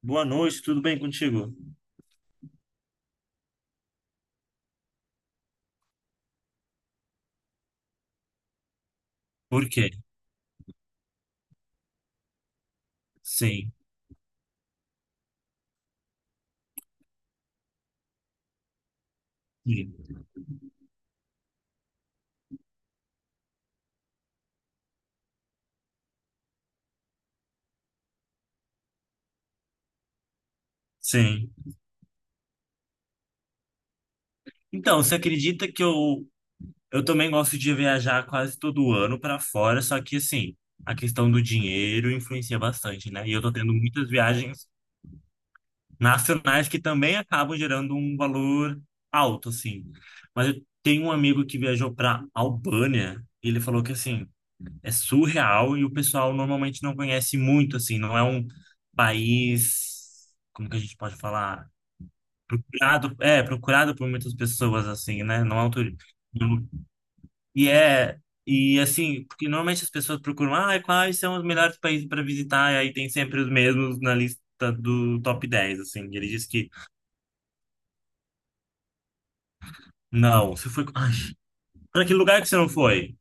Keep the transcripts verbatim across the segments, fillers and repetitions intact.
Boa noite, tudo bem contigo? Por quê? Sim, sim, sim. Então, você acredita que eu, eu também gosto de viajar quase todo ano para fora, só que assim, a questão do dinheiro influencia bastante, né? E eu tô tendo muitas viagens nacionais que também acabam gerando um valor alto, assim. Mas eu tenho um amigo que viajou para Albânia, e ele falou que assim, é surreal e o pessoal normalmente não conhece muito, assim, não é um país, como que a gente pode falar? procurado, é, procurado por muitas pessoas, assim, né? Não é um turismo. E é, e assim, porque normalmente as pessoas procuram, ah, quais são os melhores países para visitar, e aí tem sempre os mesmos na lista do top dez assim. E ele disse que, não, você foi. Ai, para que lugar que você não foi?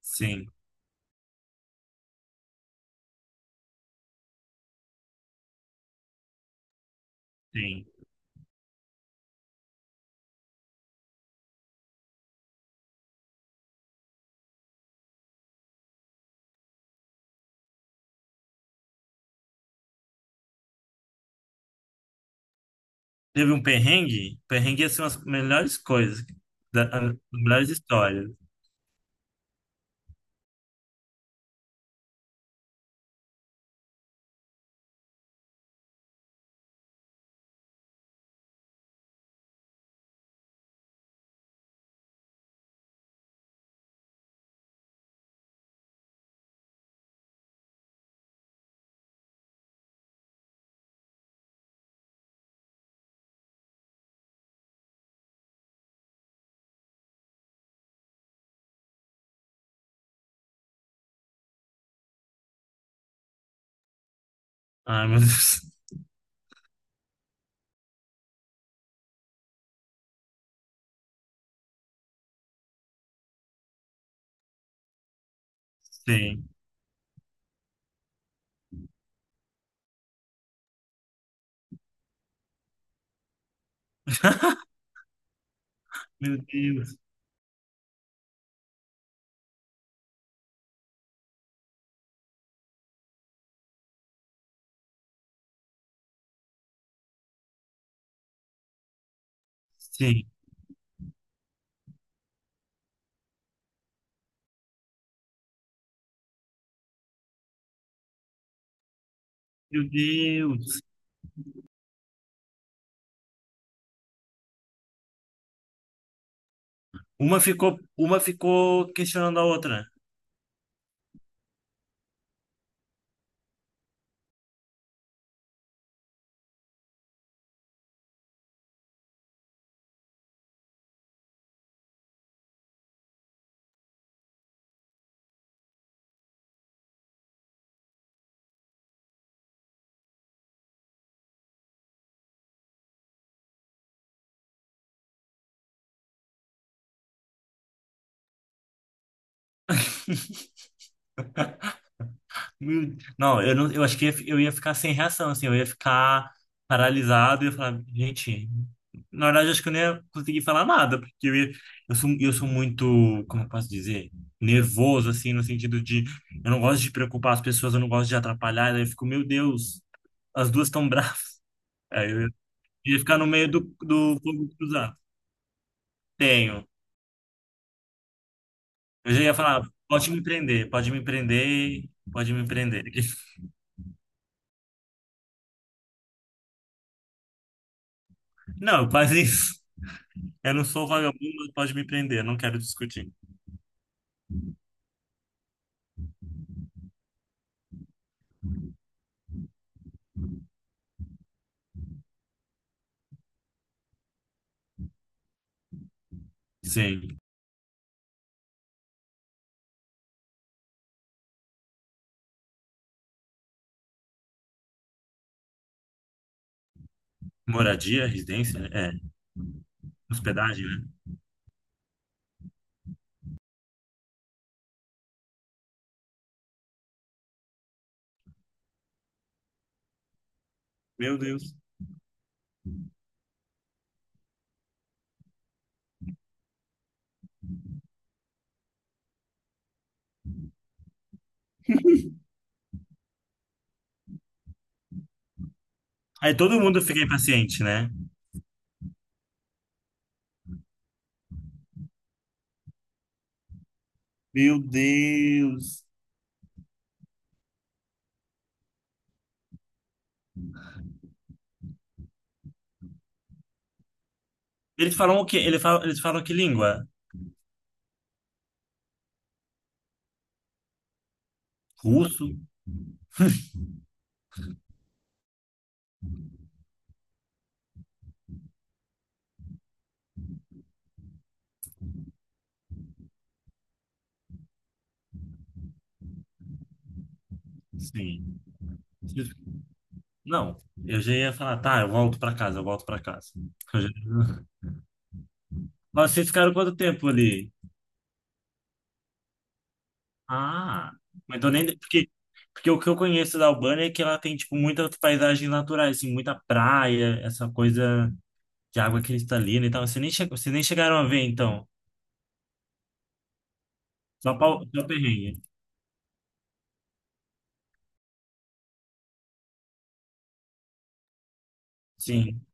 Sim, sim. Teve um perrengue? Perrengue, é, assim, as melhores coisas, da- as melhores histórias. Ai, meu Deus. Sim. Meu Deus. Sim. Meu Deus. Uma ficou, uma ficou questionando a outra. Meu- Deus. Não, eu não, eu acho que ia fi- eu ia ficar sem reação, assim, eu ia ficar paralisado e ia falar, gente, na verdade eu acho que eu nem ia conseguir falar nada, porque eu ia, eu sou, eu sou muito, como eu posso dizer, nervoso, assim, no sentido de, eu não gosto de preocupar as pessoas, eu não gosto de atrapalhar, daí eu fico, meu Deus, as duas estão bravas. Aí eu ia ficar no meio do, do fogo cruzado. Tenho. Eu já ia falar, pode me prender, pode me prender, pode me prender. Não, faz isso. Eu não sou vagabundo, pode me prender, eu não quero discutir. Sim. Moradia, residência, é, hospedagem, né? Meu Deus. Aí todo mundo fica impaciente, né? Meu Deus. Eles falam o quê? Eles falam, eles falam que língua? Russo? Sim. Não, eu já ia falar, tá, eu volto pra casa, eu volto pra casa. Eu já- Mas vocês ficaram quanto tempo ali? Ah, mas eu nem. Porque, porque o que eu conheço da Albânia é que ela tem, tipo, muitas paisagens naturais, assim, muita praia, essa coisa de água cristalina e tal. Vocês nem, che... Vocês nem chegaram a ver, então. Só pau... Só perrengue. Sim.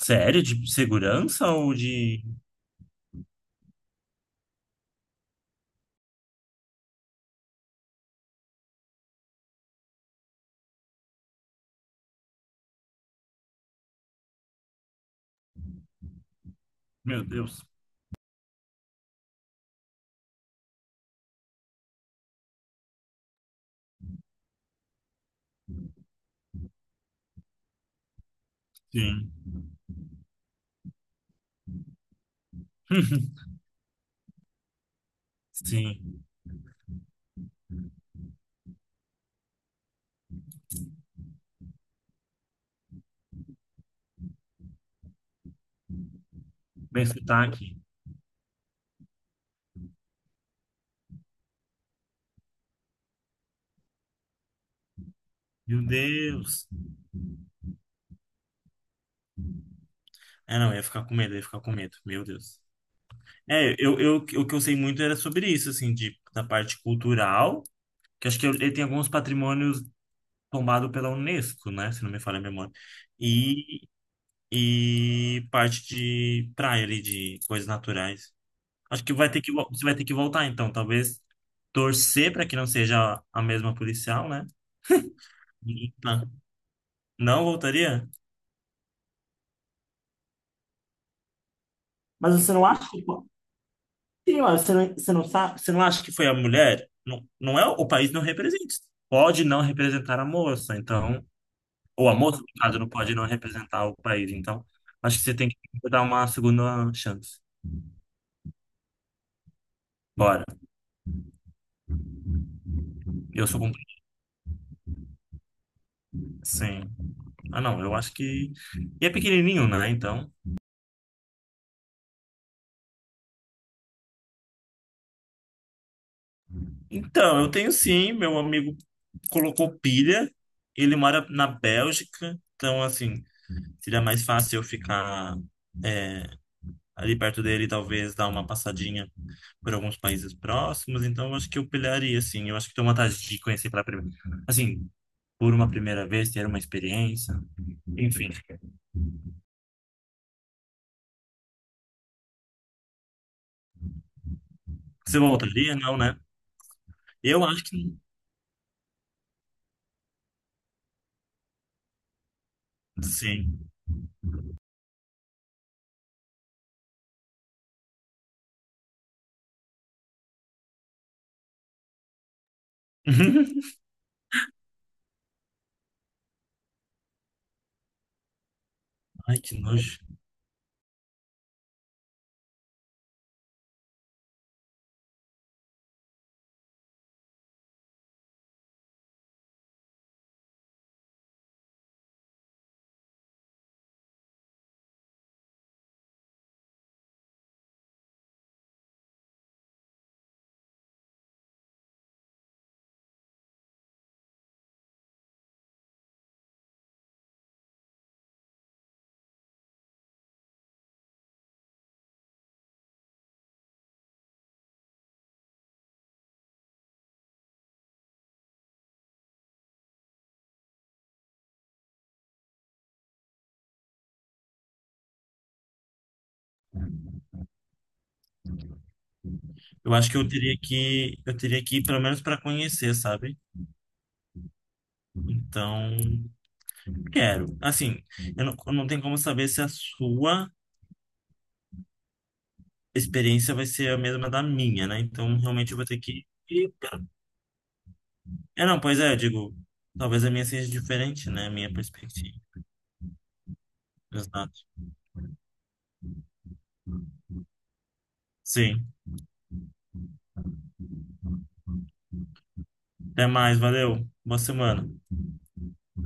Sério? De segurança ou de. Meu Deus. Sim. Sim. Bem sotaque. Meu Deus. É, não, eu ia ficar com medo, eu ia ficar com medo. Meu Deus. É, eu, eu, o que eu sei muito era sobre isso, assim, de, da parte cultural, que acho que ele tem alguns patrimônios tombado pela Unesco, né? Se não me falha a memória. E, e parte de praia ali, de coisas naturais. Acho que vai ter que, vo- você vai ter que voltar, então. Talvez torcer para que não seja a mesma policial, né? E, tá. Não voltaria? Mas você não acha que. Pô, sim, mas você não, você não sabe, você não acha que foi a mulher? Não, não é, o país não representa. Pode não representar a moça, então. Ou a moça, no caso, não pode não representar o país. Então, acho que você tem que dar uma segunda chance. Bora. Eu sou com. Sim. Ah, não, eu acho que. E é pequenininho, né? Então. Então, eu tenho sim. Meu amigo colocou pilha. Ele mora na Bélgica. Então, assim, seria mais fácil eu ficar é, ali perto dele, talvez dar uma passadinha por alguns países próximos. Então, eu acho que eu pilharia, assim. Eu acho que tem uma vontade de conhecer pela primeira. Assim, por uma primeira vez, ter uma experiência. Enfim. Você voltaria? Não, né? Eu acho que. Sim. Ai, que nojo. Eu acho que eu teria que, eu teria que ir pelo menos para conhecer, sabe? Então, quero. Assim, eu não, eu não tenho como saber se a sua experiência vai ser a mesma da minha, né? Então, realmente eu vou ter que ir. pra- É, não, pois é, eu digo, talvez a minha seja diferente, né? A minha perspectiva. Exato. Sim. Até mais, valeu. Boa semana.